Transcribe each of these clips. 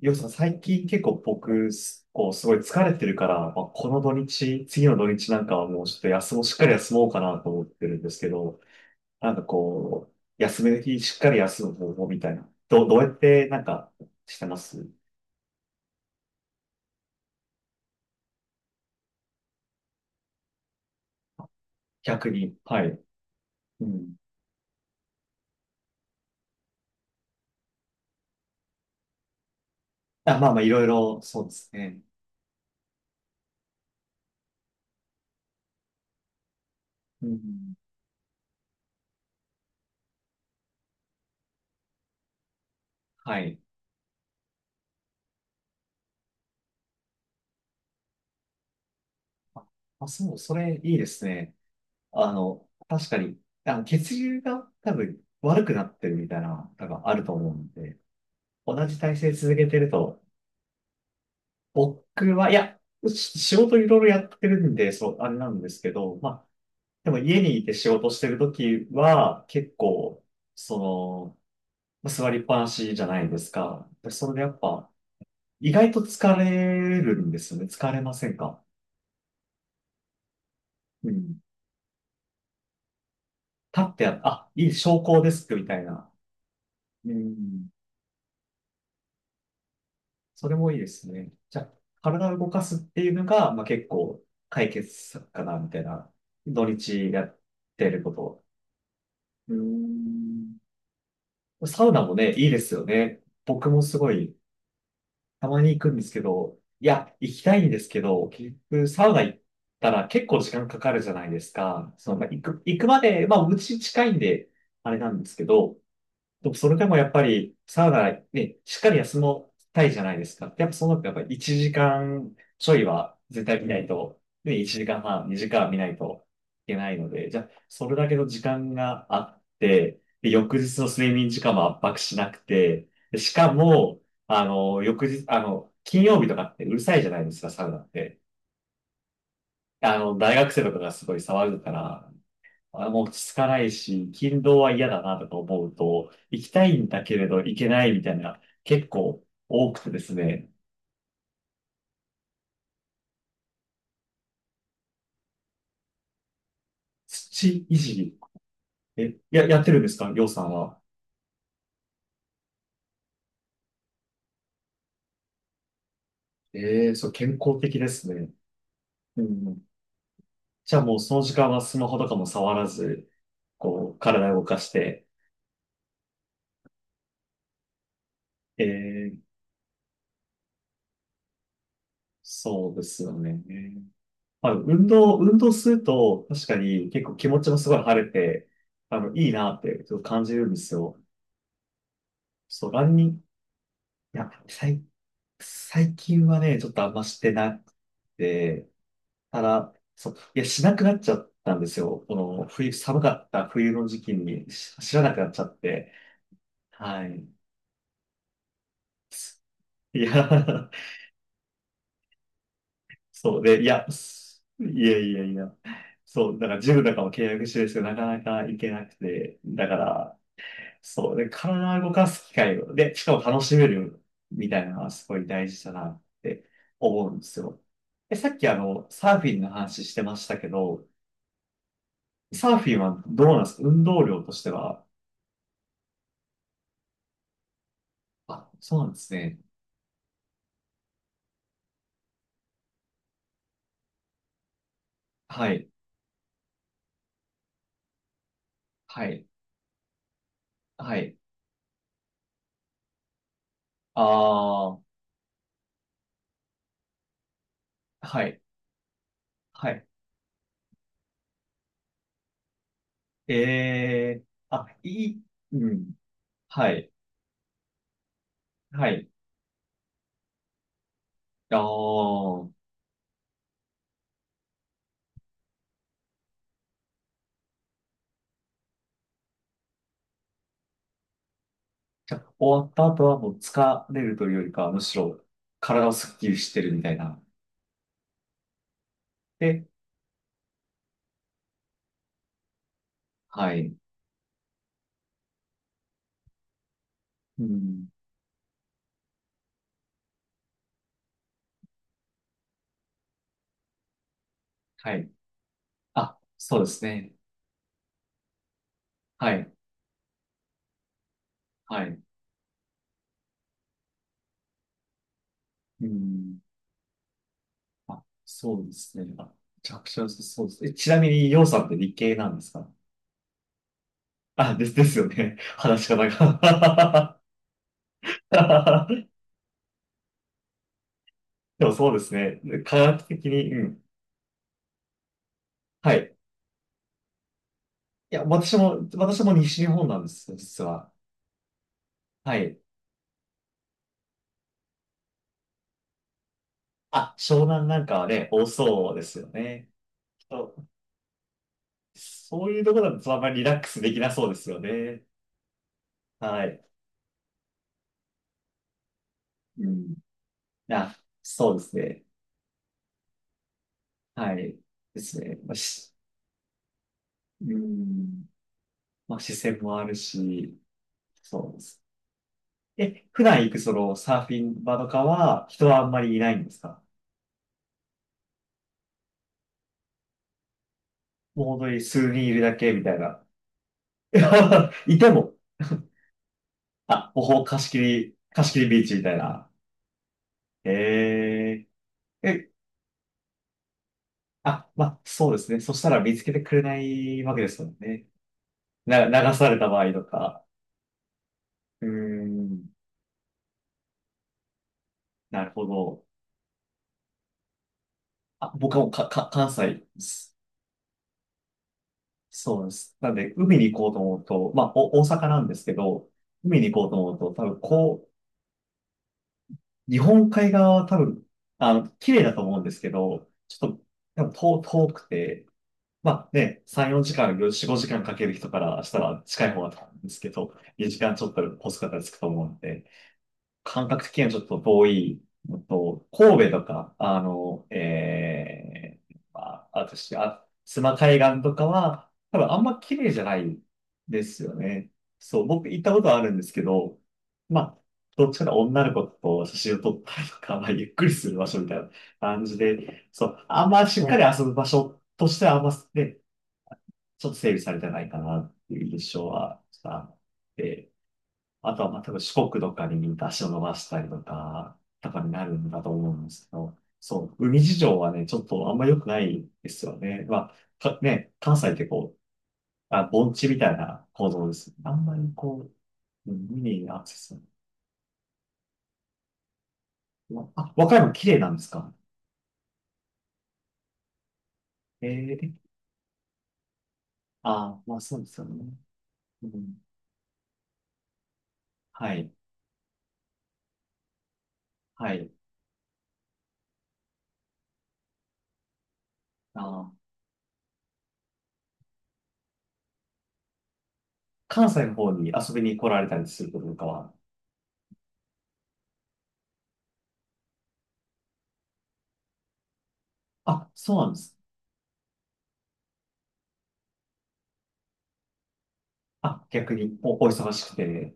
よしさん、最近結構僕、すこう、すごい疲れてるから、まあ、この土日、次の土日なんかはもうちょっと休もう、しっかり休もうかなと思ってるんですけど、なんかこう、休める日、しっかり休む方法みたいな。どうやってなんかしてます？逆に。はい。うん。あ、まあまあ、いろいろ、そうですね。うん。はい。あ、そう、それいいですね。確かに、血流が多分悪くなってるみたいな、多分あると思うんで、同じ体勢続けてると、僕は、いや、仕事いろいろやってるんで、そう、あれなんですけど、まあ、でも家にいて仕事してるときは、結構、その、まあ座りっぱなしじゃないですか。でそれでやっぱ、意外と疲れるんですよね。疲れませんか？うん。立ってや、あ、いい、昇降デスクみたいな。うん。それもいいですね。じゃあ、体を動かすっていうのが、まあ結構、解決策かな、みたいな。土日やってること。うん。サウナもね、いいですよね。僕もすごい、たまに行くんですけど、いや、行きたいんですけど、結局、サウナ行ったら結構時間かかるじゃないですか。まあ行くまで、まあ、うち近いんで、あれなんですけど、でもそれでもやっぱり、サウナね、しっかり休もうたいじゃないですか。やっぱそうなるとやっぱり1時間ちょいは絶対見ないと、ね、1時間半、2時間は見ないといけないので、じゃあ、それだけの時間があって、で、翌日の睡眠時間も圧迫しなくて、でしかも、翌日、金曜日とかってうるさいじゃないですか、サウナって。大学生とかがすごい騒ぐから、あもう落ち着かないし、勤労は嫌だなとか思うと、行きたいんだけれど行けないみたいな、結構多くてですね、土いじり、やってるんですかりょうさんは。ええ、そう、健康的ですね。うん。じゃあもうその時間はスマホとかも触らず、こう、体を動かして、ええ、そうですよね。まあ、運動すると、確かに結構気持ちもすごい晴れて、あの、いいなってちょっと感じるんですよ。そう、ランニング、いや、最近はね、ちょっとあんましてなくて、ただ、そう、いや、しなくなっちゃったんですよ。この、寒かった冬の時期に知らなくなっちゃって。はい。いや、そうで、いや、すいやいやいや。そう、だからジムとかも契約してるんですけど、なかなか行けなくて、だから、そう、で、体を動かす機会を、で、しかも楽しめるみたいなのはすごい大事だなって思うんですよ。さっきサーフィンの話してましたけど、サーフィンはどうなんですか？運動量としては。あ、そうなんですね。はい。はい。はい。ああ、はい。はい。ええ、あ、いい。うん。はい。はい。ああ、じゃあ、終わった後はもう疲れるというよりかは、むしろ体をスッキリしてるみたいな。で、はい。うん。はい。あ、そうですね。はい。はい。うん。あ、そうですね。あ、めちゃくちゃそうですね。ちなみに、ようさんって理系なんですか？あ、ですよね。話し方が でもそうですね。科学的に、うん。はい。いや、私も、私も西日本なんですよ、実は。はい。あ、湘南なんかはね、多そうですよね。そう。そういうところだとあんまりリラックスできなそうですよね。はい。うん。あ、そうですね。はい。ですね。まあ、し、うん。まあ、視線もあるし、そうです。普段行くそのサーフィン場とかは人はあんまりいないんですか？もう本当に数人いるだけみたいな。いても、あ、貸し切りビーチみたいな。へえー。あ、まあ、そうですね。そしたら見つけてくれないわけですもんね。な、流された場合とか。うーん、なるほど。あ、僕はもう関西です。そうです。なんで、海に行こうと思うと、まあ、大阪なんですけど、海に行こうと思うと、多分、日本海側は多分、あの、綺麗だと思うんですけど、ちょっと、多分遠くて、まあね、3、4時間、4、5時間かける人からしたら近い方だと思うんですけど、2時間ちょっとコスかからつくと思うんで、感覚的にはちょっと遠いのと、神戸とか、まあ、あとし、あ、須磨海岸とかは、多分あんま綺麗じゃないですよね。そう、僕行ったことはあるんですけど、まあ、どっちかというと女の子と写真を撮ったりとか、まあ、ゆっくりする場所みたいな感じで、そう、あんましっかり遊ぶ場所としてはあんま、ね、ちょっと整備されてないかなっていう印象は、ちょっとあって、あとは、まあ、多分四国とかに足を伸ばしたりとか、とかになるんだと思うんですけど、そう、海事情はね、ちょっとあんま良くないですよね。まあ、関西ってこう、あ、盆地みたいな構造です。あんまりこう、うん、海にアクセス。まあ、和歌山綺麗なんですか？ええ、あ、まあそうですよね。うん、はい、はい。あ、関西の方に遊びに来られたりすることとかは、あ、そうなんです。あ、逆にお忙しくて、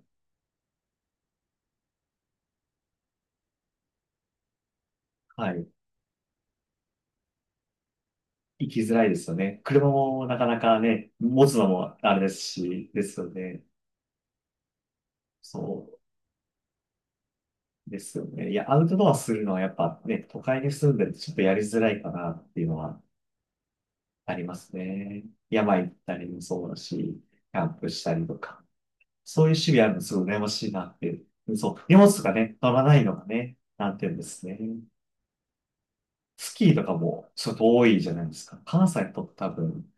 はい。行きづらいですよね。車もなかなかね、持つのもあれですし、ですよね。そうですよね。いや、アウトドアするのはやっぱね、都会に住んでるとちょっとやりづらいかなっていうのはありますね。山行ったりもそうだし、キャンプしたりとか。そういう趣味あるのすごい羨ましいなっていう。そう、荷物とかね、乗らないのがね、なんていうんですね。スキーとかもちょっと多いじゃないですか。関西と多分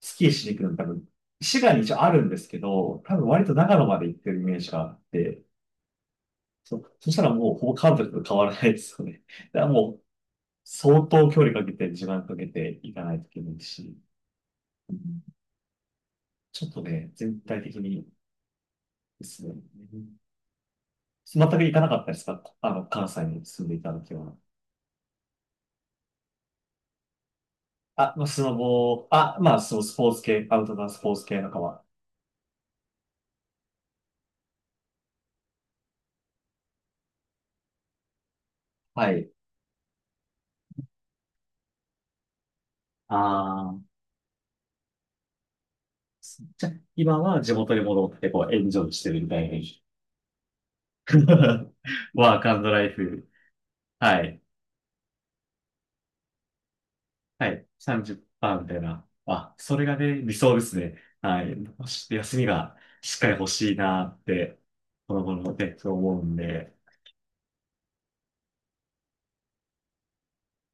スキーしに行くのに多分、滋賀に一応あるんですけど、多分割と長野まで行ってるイメージがあって、そしたらもうほぼ関国と変わらないですよね。だからもう相当距離かけて、時間かけて行かないといけないし、うん、ちょっとね、全体的にですね、全く行かなかったですか？関西に住んでいた時は。あ、まあスノボー、あ、まあ、そう、スポーツ系、アウトドアスポーツ系のかは。はい。ああ、じゃあ、今は地元に戻って、こう、エンジョイしてるみたいな。ワークライフ。はい。はい。30%みたいな。あ、それがね、理想ですね。はい。もし休みがしっかり欲しいなって、この頃ね、そう思うんで。